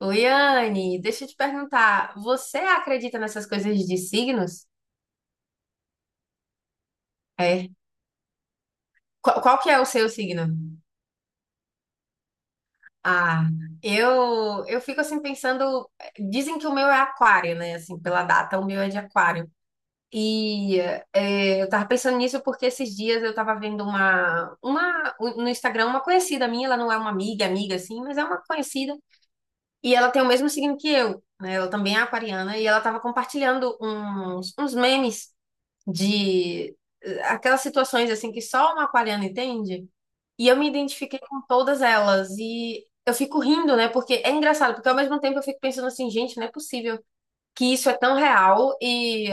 Oi, Anne, deixa eu te perguntar, você acredita nessas coisas de signos? É. Qual que é o seu signo? Ah, eu fico assim pensando, dizem que o meu é aquário, né? Assim, pela data, o meu é de aquário. E é, eu tava pensando nisso porque esses dias eu tava vendo uma no Instagram, uma conhecida minha, ela não é uma amiga, amiga assim, mas é uma conhecida. E ela tem o mesmo signo que eu, né? Ela também é aquariana e ela tava compartilhando uns memes. De aquelas situações assim que só uma aquariana entende. E eu me identifiquei com todas elas e eu fico rindo, né? Porque é engraçado, porque ao mesmo tempo eu fico pensando assim, gente, não é possível que isso é tão real e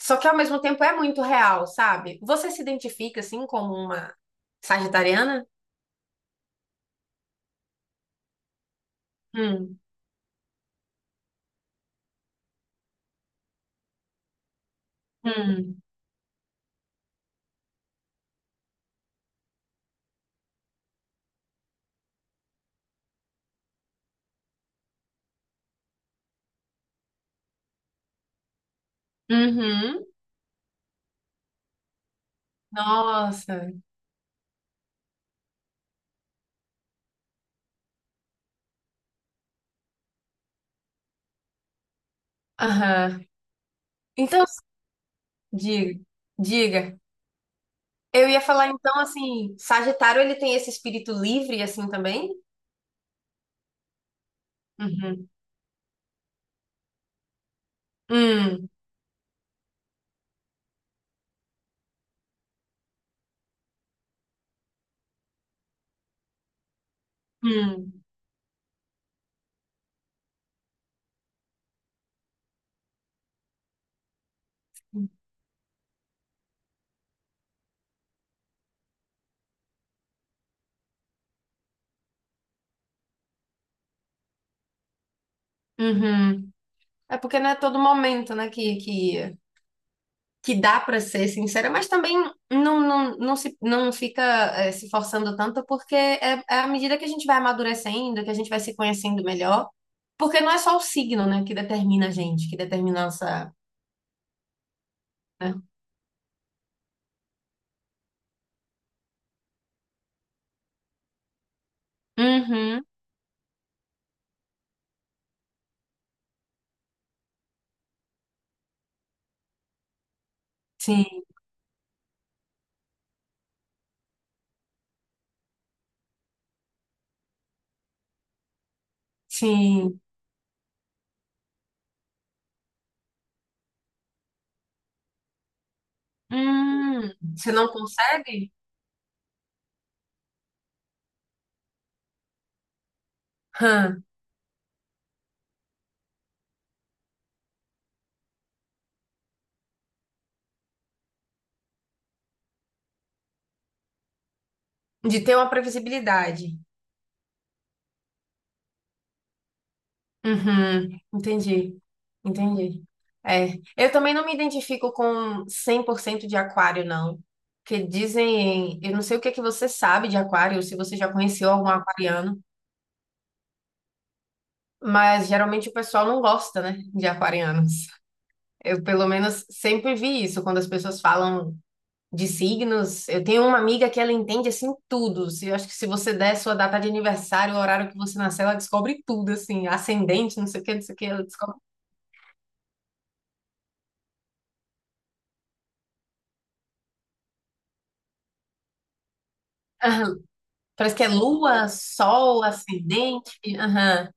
só que ao mesmo tempo é muito real, sabe? Você se identifica assim como uma sagitariana? Hum. Hum. Uhum. Nossa. Aham. Então, diga, diga. Eu ia falar então assim, Sagitário ele tem esse espírito livre assim também? Uhum. Hum, hum, uhum. É porque não é todo momento, né, que dá pra ser sincera, mas também não se não fica se forçando tanto porque é, é à medida que a gente vai amadurecendo, que a gente vai se conhecendo melhor, porque não é só o signo, né, que determina a gente, que determina a nossa, né? Uhum. Sim, sim. Hum. Você não consegue? Hã. De ter uma previsibilidade. Uhum, entendi, entendi. É, eu também não me identifico com 100% de aquário, não. Que dizem, eu não sei o que é que você sabe de aquário, se você já conheceu algum aquariano, mas geralmente o pessoal não gosta, né, de aquarianos. Eu, pelo menos, sempre vi isso quando as pessoas falam de signos. Eu tenho uma amiga que ela entende assim tudo. Se- eu acho que se você der sua data de aniversário, o horário que você nasceu, ela descobre tudo, assim, ascendente, não sei o que, não sei o que, ela descobre. Aham. Parece que é lua, sol, ascendente. Aham.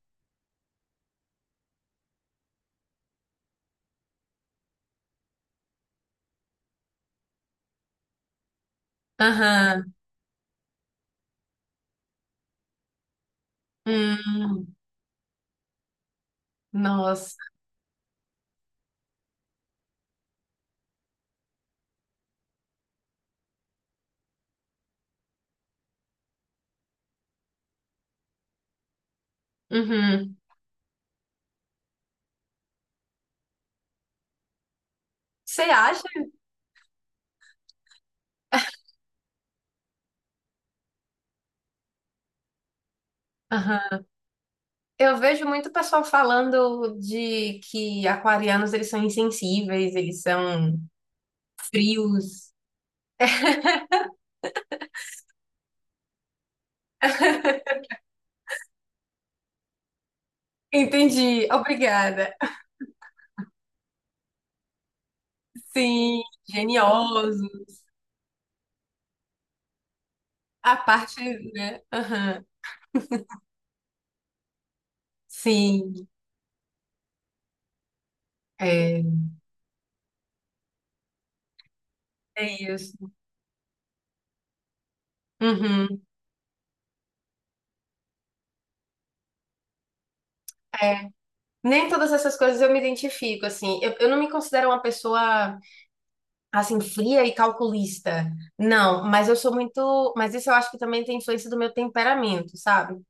Aham. Hum, nossa. Uhum. Você acha? Aham. Eu vejo muito pessoal falando de que aquarianos eles são insensíveis, eles são frios. Entendi. Obrigada. Sim, geniosos. A parte, né? Aham. Sim, é, é isso. Uhum, é. Nem todas essas coisas eu me identifico, assim. Eu não me considero uma pessoa, assim, fria e calculista. Não, mas eu sou muito. Mas isso eu acho que também tem influência do meu temperamento, sabe?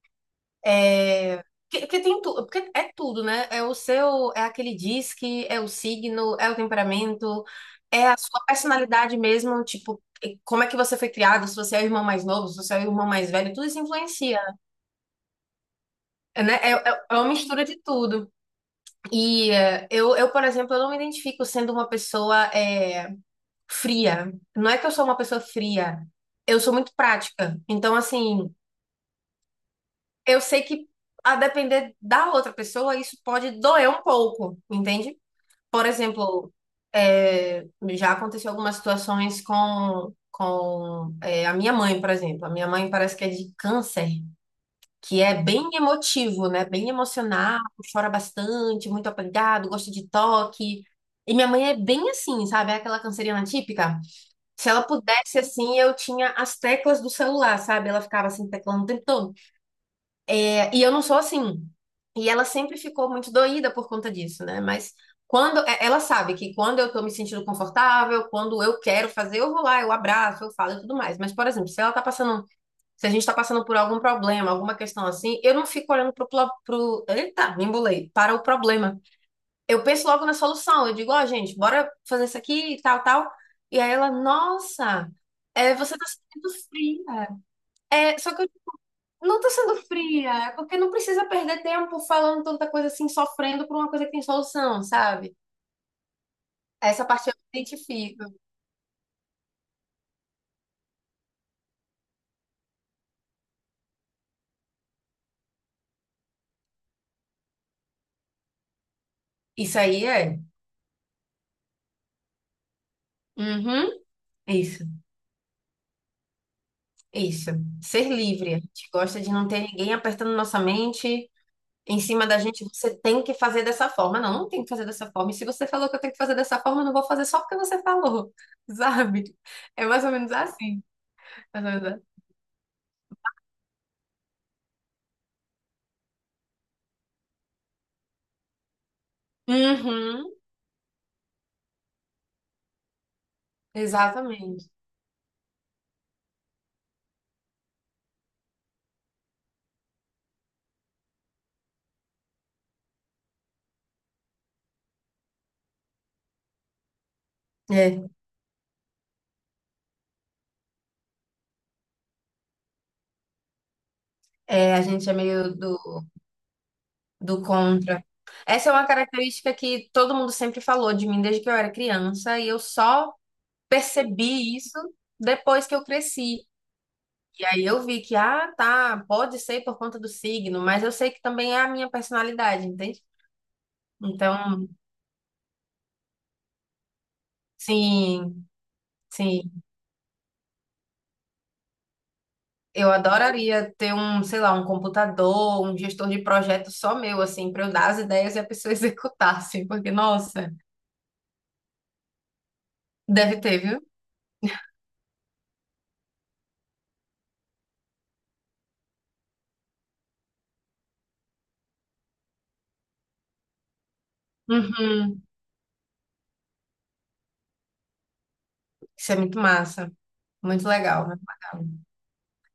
É. Que tem tu, porque é tudo, né? É o seu, é aquele disque, é o signo, é o temperamento, é a sua personalidade mesmo, tipo, e como é que você foi criado, se você é o irmão mais novo, se você é o irmão mais velho, tudo isso influencia, né? É, é- é uma mistura de tudo. E por exemplo, eu não me identifico sendo uma pessoa fria. Não é que eu sou uma pessoa fria, eu sou muito prática. Então, assim, eu sei que a depender da outra pessoa, isso pode doer um pouco, entende? Por exemplo, é, já aconteceu algumas situações com é, a minha mãe, por exemplo. A minha mãe parece que é de câncer, que é bem emotivo, né? Bem emocional, chora bastante, muito apegado, gosta de toque. E minha mãe é bem assim, sabe? É aquela canceriana típica. Se ela pudesse, assim, eu tinha as teclas do celular, sabe? Ela ficava assim, teclando o tempo todo. É, e eu não sou assim. E ela sempre ficou muito doída por conta disso, né? Mas quando é, ela sabe que quando eu tô me sentindo confortável, quando eu quero fazer, eu vou lá, eu abraço, eu falo e tudo mais. Mas, por exemplo, se ela tá passando, se a gente tá passando por algum problema, alguma questão assim, eu não fico olhando eita, me embolei, para o problema. Eu penso logo na solução. Eu digo, ó, gente, bora fazer isso aqui e tal, tal. E aí ela, nossa, é, você tá sentindo fria. É, só que não tô sendo fria, é porque não precisa perder tempo falando tanta coisa assim, sofrendo por uma coisa que tem solução, sabe? Essa parte eu me identifico. Isso aí é. Uhum. Isso, isso. Ser livre. A gente gosta de não ter ninguém apertando nossa mente em cima da gente. Você tem que fazer dessa forma. Não, não tem que fazer dessa forma. E se você falou que eu tenho que fazer dessa forma, eu não vou fazer só porque você falou, sabe? É mais ou menos assim. Mais ou menos assim. Uhum. Exatamente. É, é, a gente é meio do contra. Essa é uma característica que todo mundo sempre falou de mim desde que eu era criança, e eu só percebi isso depois que eu cresci. E aí eu vi que, ah, tá, pode ser por conta do signo, mas eu sei que também é a minha personalidade, entende? Então, sim, sim, eu adoraria ter um, sei lá, um computador, um gestor de projeto só meu, assim, para eu dar as ideias e a pessoa executar, assim, porque, nossa, deve ter, viu? Uhum. Isso é muito massa, muito legal, né?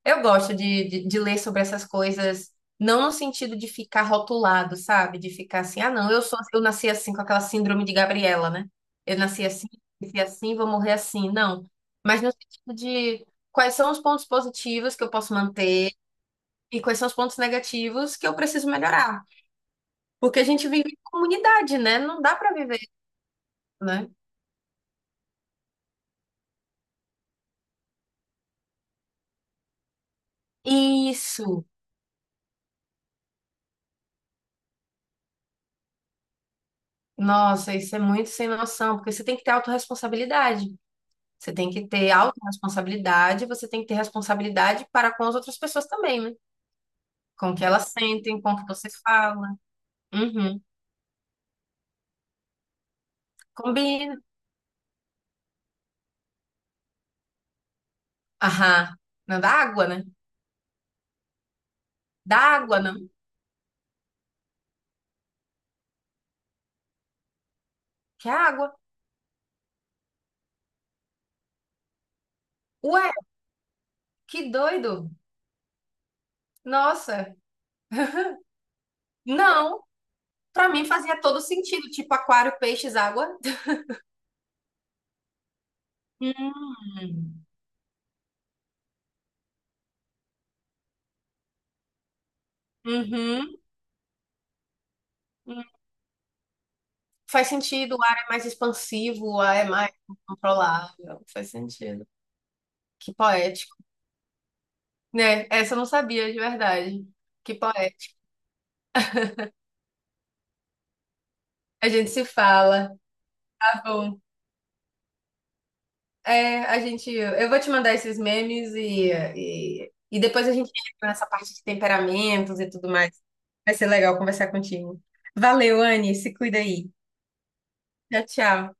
Eu gosto de ler sobre essas coisas, não no sentido de ficar rotulado, sabe? De ficar assim, ah, não, eu sou, assim, eu nasci assim com aquela síndrome de Gabriela, né? Eu nasci assim, vou morrer assim. Não. Mas no sentido de quais são os pontos positivos que eu posso manter e quais são os pontos negativos que eu preciso melhorar. Porque a gente vive em comunidade, né? Não dá pra viver, né? Isso. Nossa, isso é muito sem noção, porque você tem que ter autorresponsabilidade. Você tem que ter autorresponsabilidade, você tem que ter responsabilidade para com as outras pessoas também, né? Com o que elas sentem, com o que você fala. Uhum. Combina. Aham. Não dá água, né? Dá água, não. Que água? Ué, que doido. Nossa. Não. Para mim fazia todo sentido, tipo aquário, peixes, água. Hum. Uhum. Hum. Faz sentido, o ar é mais expansivo, o ar é mais controlável. Faz sentido. Que poético. Né? Essa eu não sabia de verdade. Que poético. A gente se fala. Tá bom. É, a gente. Eu vou te mandar esses memes e depois a gente entra nessa parte de temperamentos e tudo mais. Vai ser legal conversar contigo. Valeu, Anne. Se cuida aí. Tchau, tchau.